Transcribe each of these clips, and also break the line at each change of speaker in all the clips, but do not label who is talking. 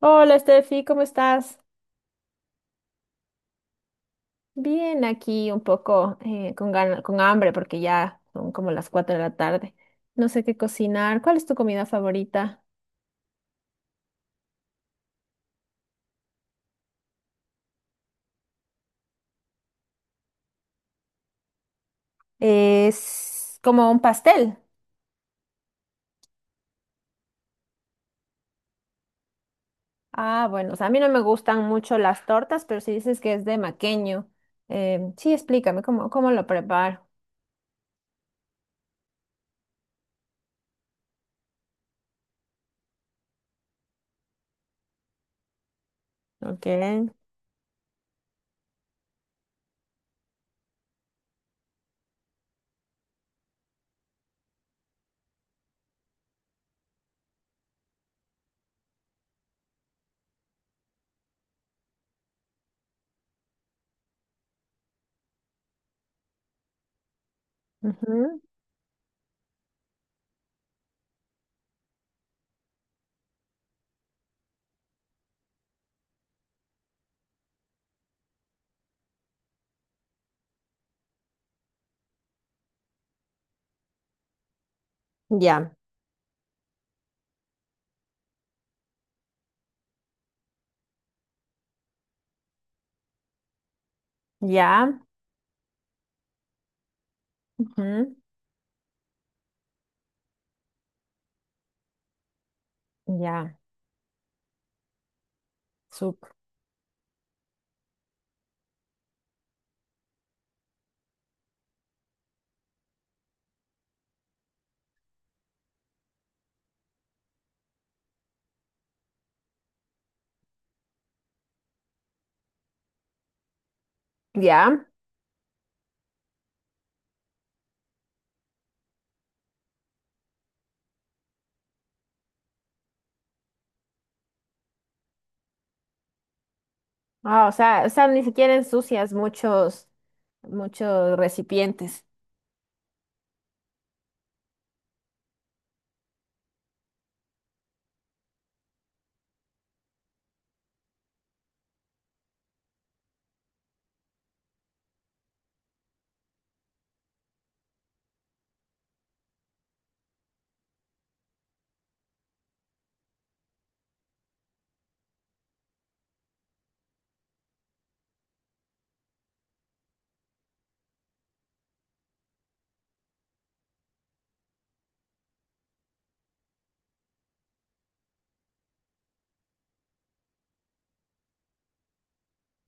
Hola, Steffi, ¿cómo estás? Bien, aquí un poco con hambre porque ya son como las 4 de la tarde. No sé qué cocinar. ¿Cuál es tu comida favorita? Es como un pastel. Ah, bueno, o sea, a mí no me gustan mucho las tortas, pero si dices que es de maqueño, sí, explícame cómo lo preparo. Ok. Ujú. Ya, ya. Ujú. Ya. sup- ya. Ah, o sea, ni siquiera ensucias muchos. Muchos recipientes.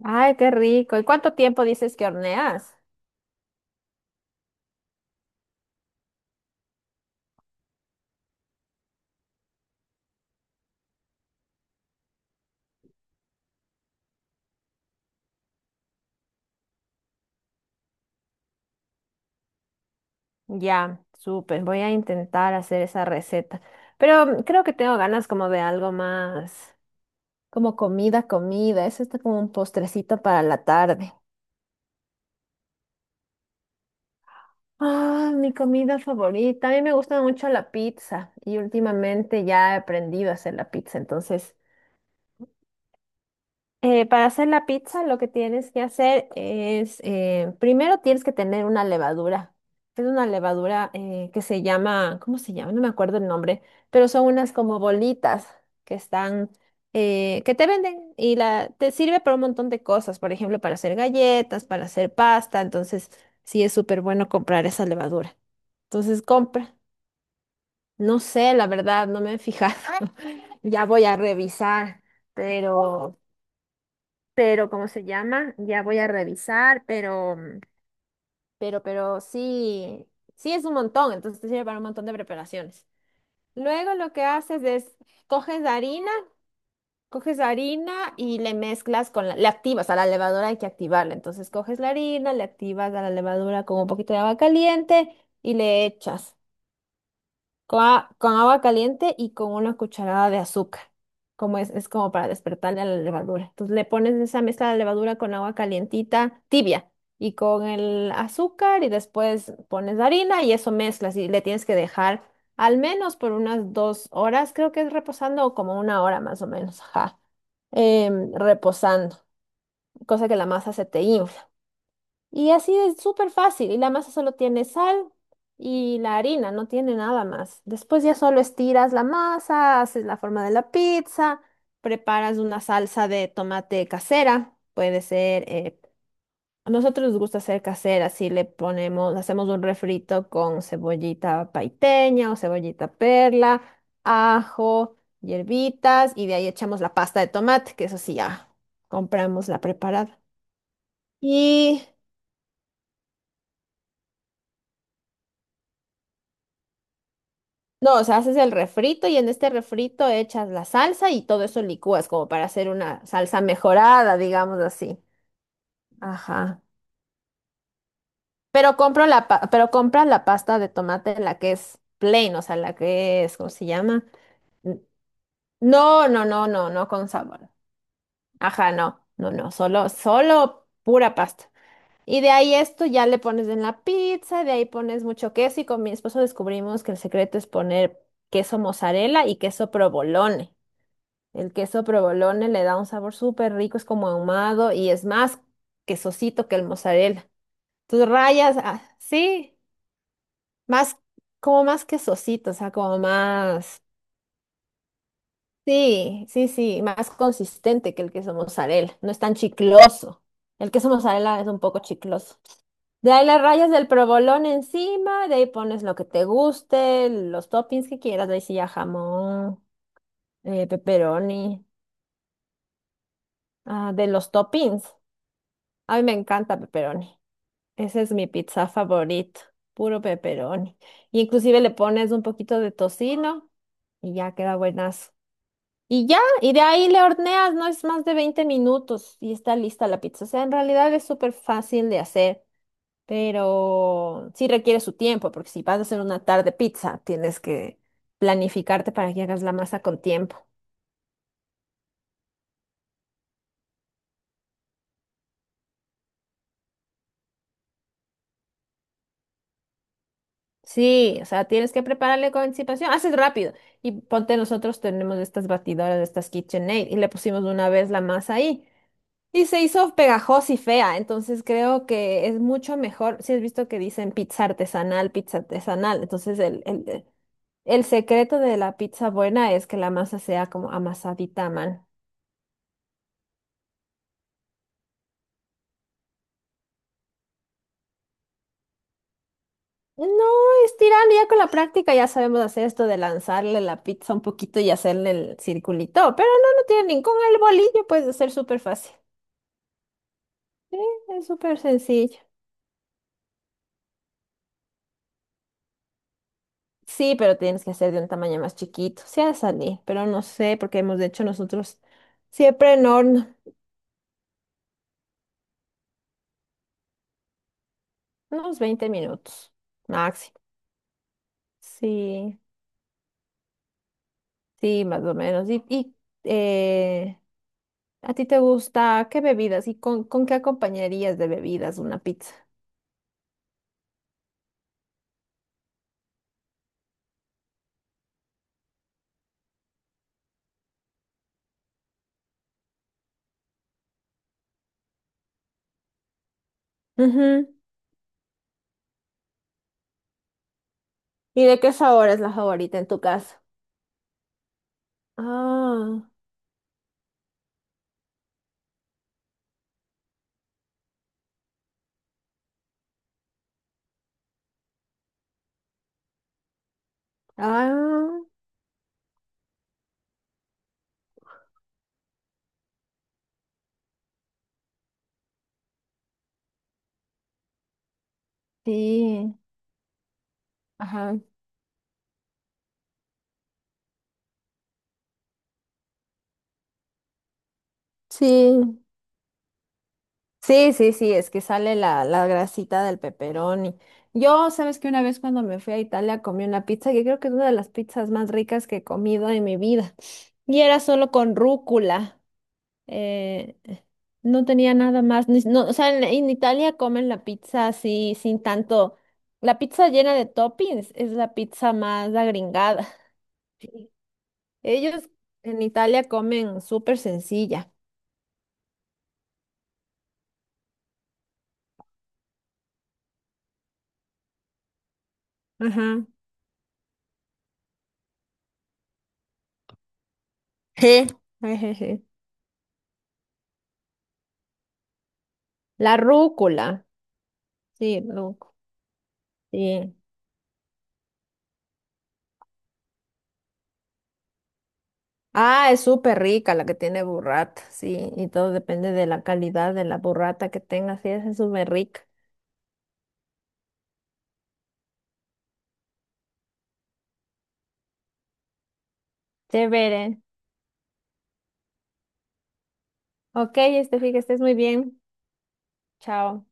Ay, qué rico. ¿Y cuánto tiempo dices que horneas? Ya, súper. Voy a intentar hacer esa receta. Pero creo que tengo ganas como de algo más, como comida, comida. Eso está como un postrecito para la tarde. Ah, mi comida favorita. A mí me gusta mucho la pizza y últimamente ya he aprendido a hacer la pizza. Entonces, para hacer la pizza, lo que tienes que hacer es, primero tienes que tener una levadura. Es una levadura que se llama, ¿cómo se llama? No me acuerdo el nombre, pero son unas como bolitas que están, que te venden y te sirve para un montón de cosas, por ejemplo, para hacer galletas, para hacer pasta, entonces sí es súper bueno comprar esa levadura. Entonces compra. No sé, la verdad, no me he fijado. Ya voy a revisar, pero pero ¿cómo se llama? Ya voy a revisar, pero, sí, sí es un montón, entonces te sirve para un montón de preparaciones. Luego lo que haces es, coges harina, coges harina y le mezclas le activas a la levadura, hay que activarla, entonces coges la harina, le activas a la levadura con un poquito de agua caliente y le echas. Con, a- con agua caliente y con una cucharada de azúcar. Como es como para despertarle a la levadura. Entonces le pones esa mezcla de levadura con agua calientita, tibia, y con el azúcar y después pones la harina y eso mezclas y le tienes que dejar al menos por unas 2 horas, creo que es reposando o como una hora más o menos, ajá, reposando, cosa que la masa se te infla. Y así es súper fácil. Y la masa solo tiene sal y la harina, no tiene nada más. Después ya solo estiras la masa, haces la forma de la pizza, preparas una salsa de tomate casera. Puede ser, a nosotros nos gusta hacer casera, si le ponemos, hacemos un refrito con cebollita paiteña o cebollita perla, ajo, hierbitas y de ahí echamos la pasta de tomate, que eso sí ya compramos la preparada. Y no, o sea, haces el refrito y en este refrito echas la salsa y todo eso licúas como para hacer una salsa mejorada, digamos así. Ajá. Pero compras la pasta de tomate, la que es plain, o sea, la que es, ¿cómo se llama? N- No, no, no, no, no con sabor. Ajá, no, no, no, solo pura pasta. Y de ahí esto ya le pones en la pizza, de ahí pones mucho queso y con mi esposo descubrimos que el secreto es poner queso mozzarella y queso provolone. El queso provolone le da un sabor súper rico, es como ahumado y es más quesosito que el mozzarella. Tus rayas, ah, sí, más, como más quesosito, o sea, como más, sí, sí, sí, más consistente que el queso mozzarella, no es tan chicloso. El queso mozzarella es un poco chicloso. De ahí las rayas del provolone encima, de ahí pones lo que te guste, los toppings que quieras, de ahí sí ya jamón, pepperoni, ah, de los toppings. A mí me encanta pepperoni. Esa es mi pizza favorita, puro pepperoni. Y inclusive le pones un poquito de tocino y ya queda buenazo. Y ya, y de ahí le horneas, no es más de 20 minutos y está lista la pizza. O sea, en realidad es súper fácil de hacer, pero sí requiere su tiempo, porque si vas a hacer una tarde pizza, tienes que planificarte para que hagas la masa con tiempo. Sí, o sea, tienes que prepararle con anticipación. Haces rápido. Y ponte, nosotros tenemos estas batidoras, estas KitchenAid, y le pusimos una vez la masa ahí. Y se hizo pegajosa y fea. Entonces creo que es mucho mejor. Si has visto que dicen pizza artesanal, pizza artesanal. Entonces el secreto de la pizza buena es que la masa sea como amasadita, man. No, estirarlo ya con la práctica, ya sabemos hacer esto de lanzarle la pizza un poquito y hacerle el circulito, pero no, no tiene ningún, el bolillo puede ser súper fácil, sí, es súper sencillo. Sí, pero tienes que hacer de un tamaño más chiquito, sí ha salir, pero no sé, porque hemos hecho nosotros siempre en horno, unos 20 minutos máximo. Sí, sí, más o menos. Y eh, ¿a ti te gusta qué bebidas y con qué acompañarías de bebidas una pizza? Ujú. ¿Y de qué sabor es la favorita en tu caso? Ah, ah, sí, ajá, sí, sí, sí, sí, es que sale la, grasita del pepperoni. Yo, sabes que una vez cuando me fui a Italia comí una pizza que creo que es una de las pizzas más ricas que he comido en mi vida. Y era solo con rúcula. eh, no tenía nada más. No, o sea, en Italia comen la pizza así, sin tanto. La pizza llena de toppings es la pizza más agringada. Ellos en Italia comen súper sencilla. Ajá. Je. Ejeje. La rúcula. Sí, rúcula. Sí. Ah, es súper rica la que tiene burrata. Sí, y todo depende de la calidad de la burrata que tengas. Sí, esa es súper rica. Chévere. Ok, este, que estés muy bien. Chao.